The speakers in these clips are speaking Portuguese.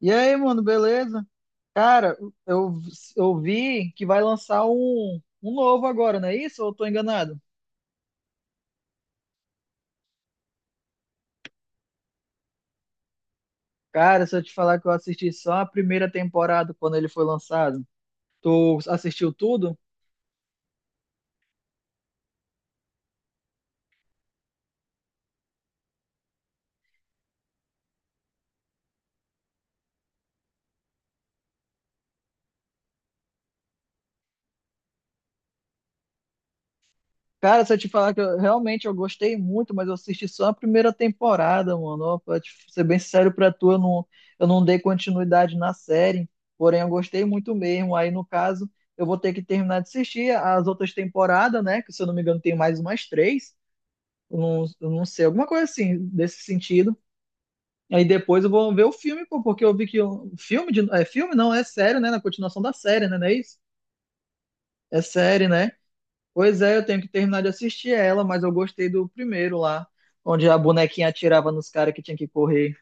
E aí, mano, beleza? Cara, eu, eu vi que vai lançar um novo agora, não é isso? Ou eu tô enganado? Cara, se eu te falar que eu assisti só a primeira temporada quando ele foi lançado, tu assistiu tudo? Cara, se eu te falar que eu, realmente eu gostei muito, mas eu assisti só a primeira temporada, mano. Ó, pra te ser bem sério pra tu, eu não dei continuidade na série, porém eu gostei muito mesmo. Aí, no caso, eu vou ter que terminar de assistir as outras temporadas, né? Que se eu não me engano tem mais umas três. Eu não sei, alguma coisa assim, desse sentido. Aí depois eu vou ver o filme, pô, porque eu vi que o filme de, é filme não, é sério, né? Na continuação da série, né? Não é isso? É série, né? Pois é, eu tenho que terminar de assistir ela, mas eu gostei do primeiro lá, onde a bonequinha atirava nos caras que tinha que correr.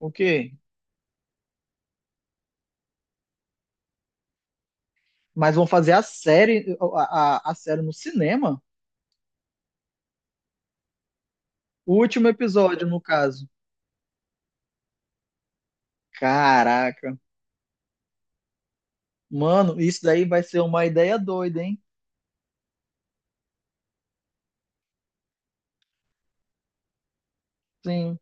O quê? Mas vão fazer a série, a série no cinema? O último episódio, no caso. Caraca. Mano, isso daí vai ser uma ideia doida, hein? Sim.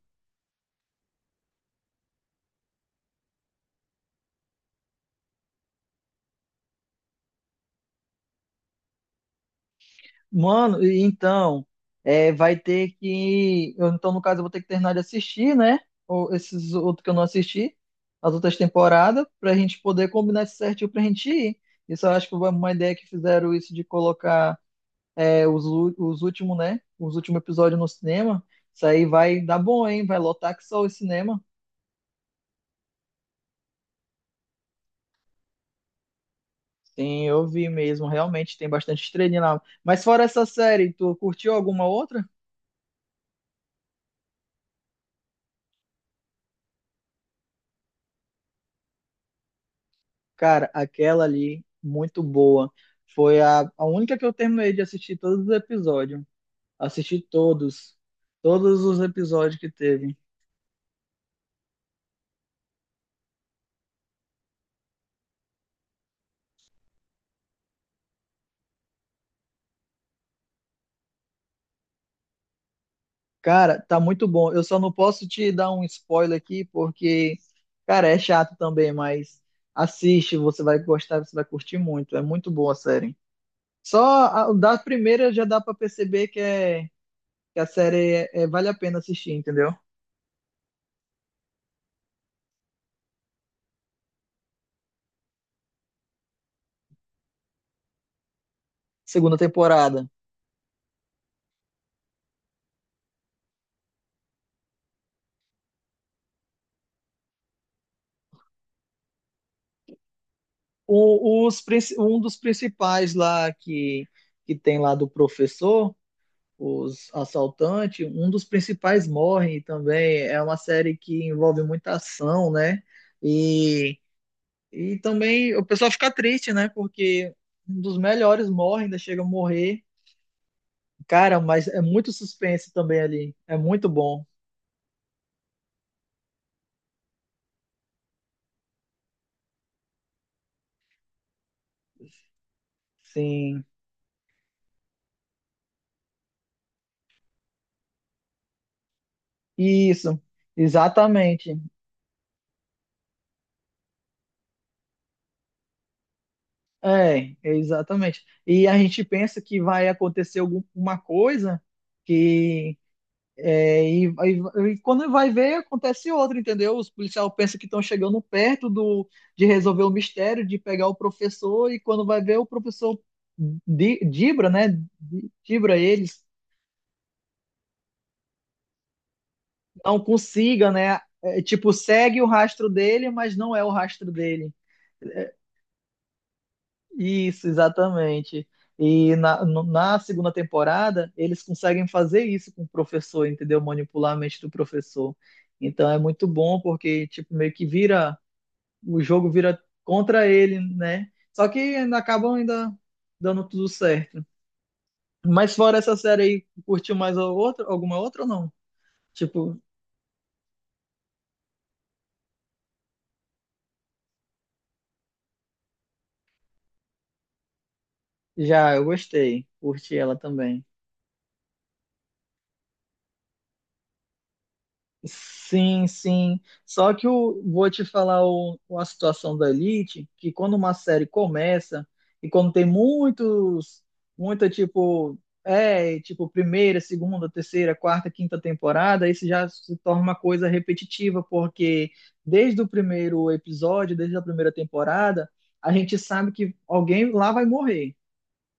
Mano, e então, é, vai ter que. Eu- Então, no caso, eu vou ter que terminar de assistir, né? Ou esses outros que eu não assisti, as outras temporadas, pra gente poder combinar isso certinho pra gente ir. Isso eu acho que foi uma ideia que fizeram isso de colocar é, os últimos, né? Os últimos episódios no cinema. Isso aí vai dar bom, hein? Vai lotar que só o cinema. Sim, eu vi mesmo, realmente, tem bastante estrelinha lá. Mas fora essa série, tu curtiu alguma outra? Cara, aquela ali, muito boa. Foi a única que eu terminei de assistir todos os episódios. Assisti todos. Todos os episódios que teve. Cara, tá muito bom. Eu só não posso te dar um spoiler aqui, porque, cara, é chato também, mas assiste, você vai gostar, você vai curtir muito. É muito boa a série. Só da primeira já dá pra perceber que, é, que a série vale a pena assistir, entendeu? Segunda temporada. Um dos principais lá que tem lá do professor, os assaltantes, um dos principais morre também. É uma série que envolve muita ação, né? E, também o pessoal fica triste, né? Porque um dos melhores morre, ainda chega a morrer. Cara, mas é muito suspense também ali. É muito bom. Sim, isso, exatamente. É, exatamente. E a gente pensa que vai acontecer alguma coisa que é, e quando vai ver acontece outra, entendeu? Os policiais pensam que estão chegando perto do de resolver o mistério, de pegar o professor e quando vai ver o professor dibra, né? Dibra eles, não consiga, né? É, tipo segue o rastro dele, mas não é o rastro dele. Isso, exatamente. E na, no- na segunda temporada, eles conseguem fazer isso com o professor, entendeu? Manipular a mente do professor. Então é muito bom, porque, tipo, meio que vira, o jogo vira contra ele, né? Só que ainda acabam ainda dando tudo certo. Mas fora essa série aí, curtiu mais a outra, alguma outra ou não? Tipo, já, eu gostei. Curti ela também. Sim, sim. Só que eu vou te falar uma situação da Elite, que quando uma série começa e quando tem muita, tipo primeira, segunda, terceira, quarta, quinta temporada, isso já se torna uma coisa repetitiva, porque desde o primeiro episódio, desde a primeira temporada, a gente sabe que alguém lá vai morrer.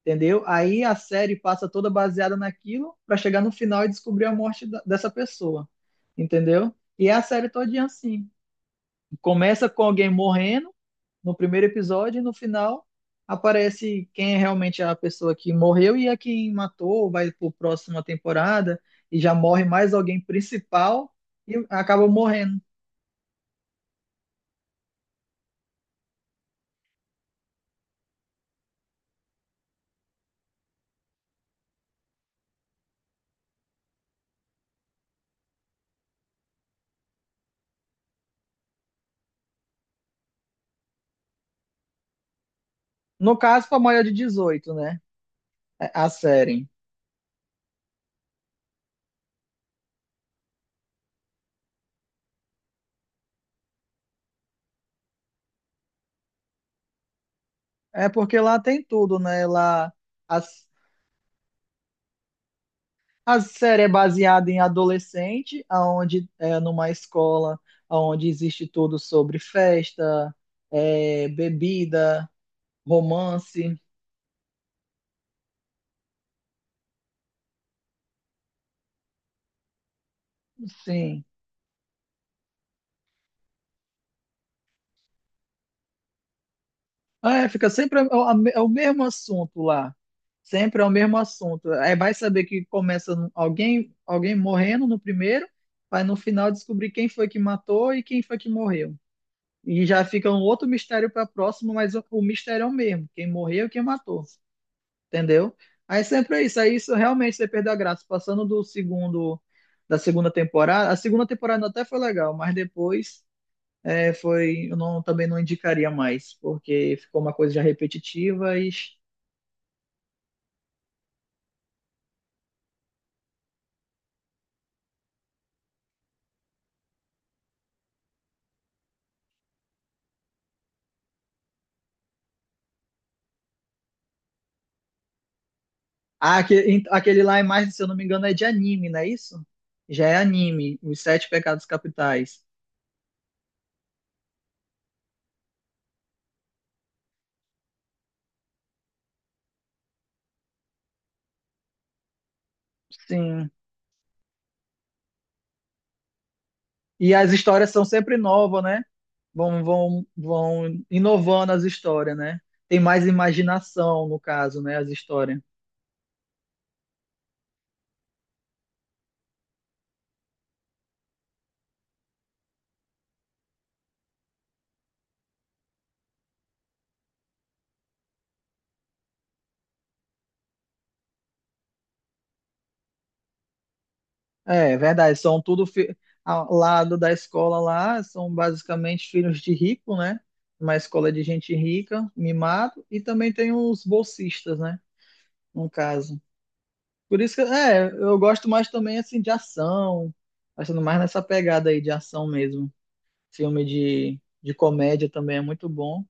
Entendeu? Aí a série passa toda baseada naquilo para chegar no final e descobrir a morte dessa pessoa. Entendeu? E é a série todinha assim. Começa com alguém morrendo no primeiro episódio e no final aparece quem realmente é a pessoa que morreu e a quem matou, vai para pro próxima temporada e já morre mais alguém principal e acaba morrendo. No caso, para maior de 18, né? A série. É porque lá tem tudo, né? Lá a, a série é baseada em adolescente, aonde é numa escola onde existe tudo sobre festa, é, bebida, romance, sim. Ah, é, fica sempre é o mesmo assunto lá. Sempre é o mesmo assunto. Aí vai saber que começa alguém morrendo no primeiro, vai no final descobrir quem foi que matou e quem foi que morreu. E já fica um outro mistério para próximo, mas o mistério é o mesmo, quem morreu e quem matou. Entendeu? Aí sempre é isso. Aí isso realmente você perdeu a graça. Da segunda temporada, a segunda temporada até foi legal, mas depois é, foi, eu não, também não indicaria mais, porque ficou uma coisa já repetitiva. E ah, aquele lá é mais, se eu não me engano, é de anime, não é isso? Já é anime, Os Sete Pecados Capitais. Sim. E as histórias são sempre novas, né? Vão inovando as histórias, né? Tem mais imaginação, no caso, né? As histórias. É, é verdade, ao lado da escola lá, são basicamente filhos de rico, né? Uma escola de gente rica, mimado, e também tem os bolsistas, né? No caso. Por isso que, é, eu gosto mais também, assim, de ação, achando mais nessa pegada aí de ação mesmo. Filme de comédia também é muito bom.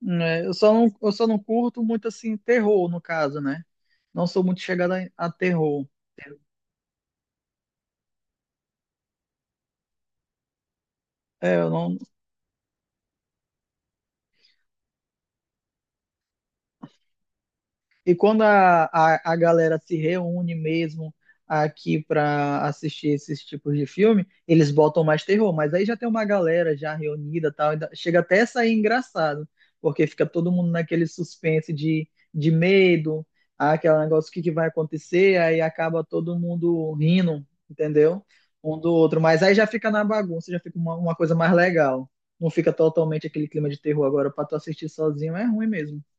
Né? Eu só não curto muito, assim, terror, no caso, né? Não sou muito chegada a terror. É, eu não. E quando a galera se reúne mesmo aqui para assistir esses tipos de filme, eles botam mais terror, mas aí já tem uma galera já reunida e tal, chega até a sair engraçado, porque fica todo mundo naquele suspense de medo, ah, aquele negócio, que vai acontecer, aí acaba todo mundo rindo, entendeu? Um do outro, mas aí já fica na bagunça, já fica uma coisa mais legal. Não fica totalmente aquele clima de terror agora para tu assistir sozinho, é ruim mesmo.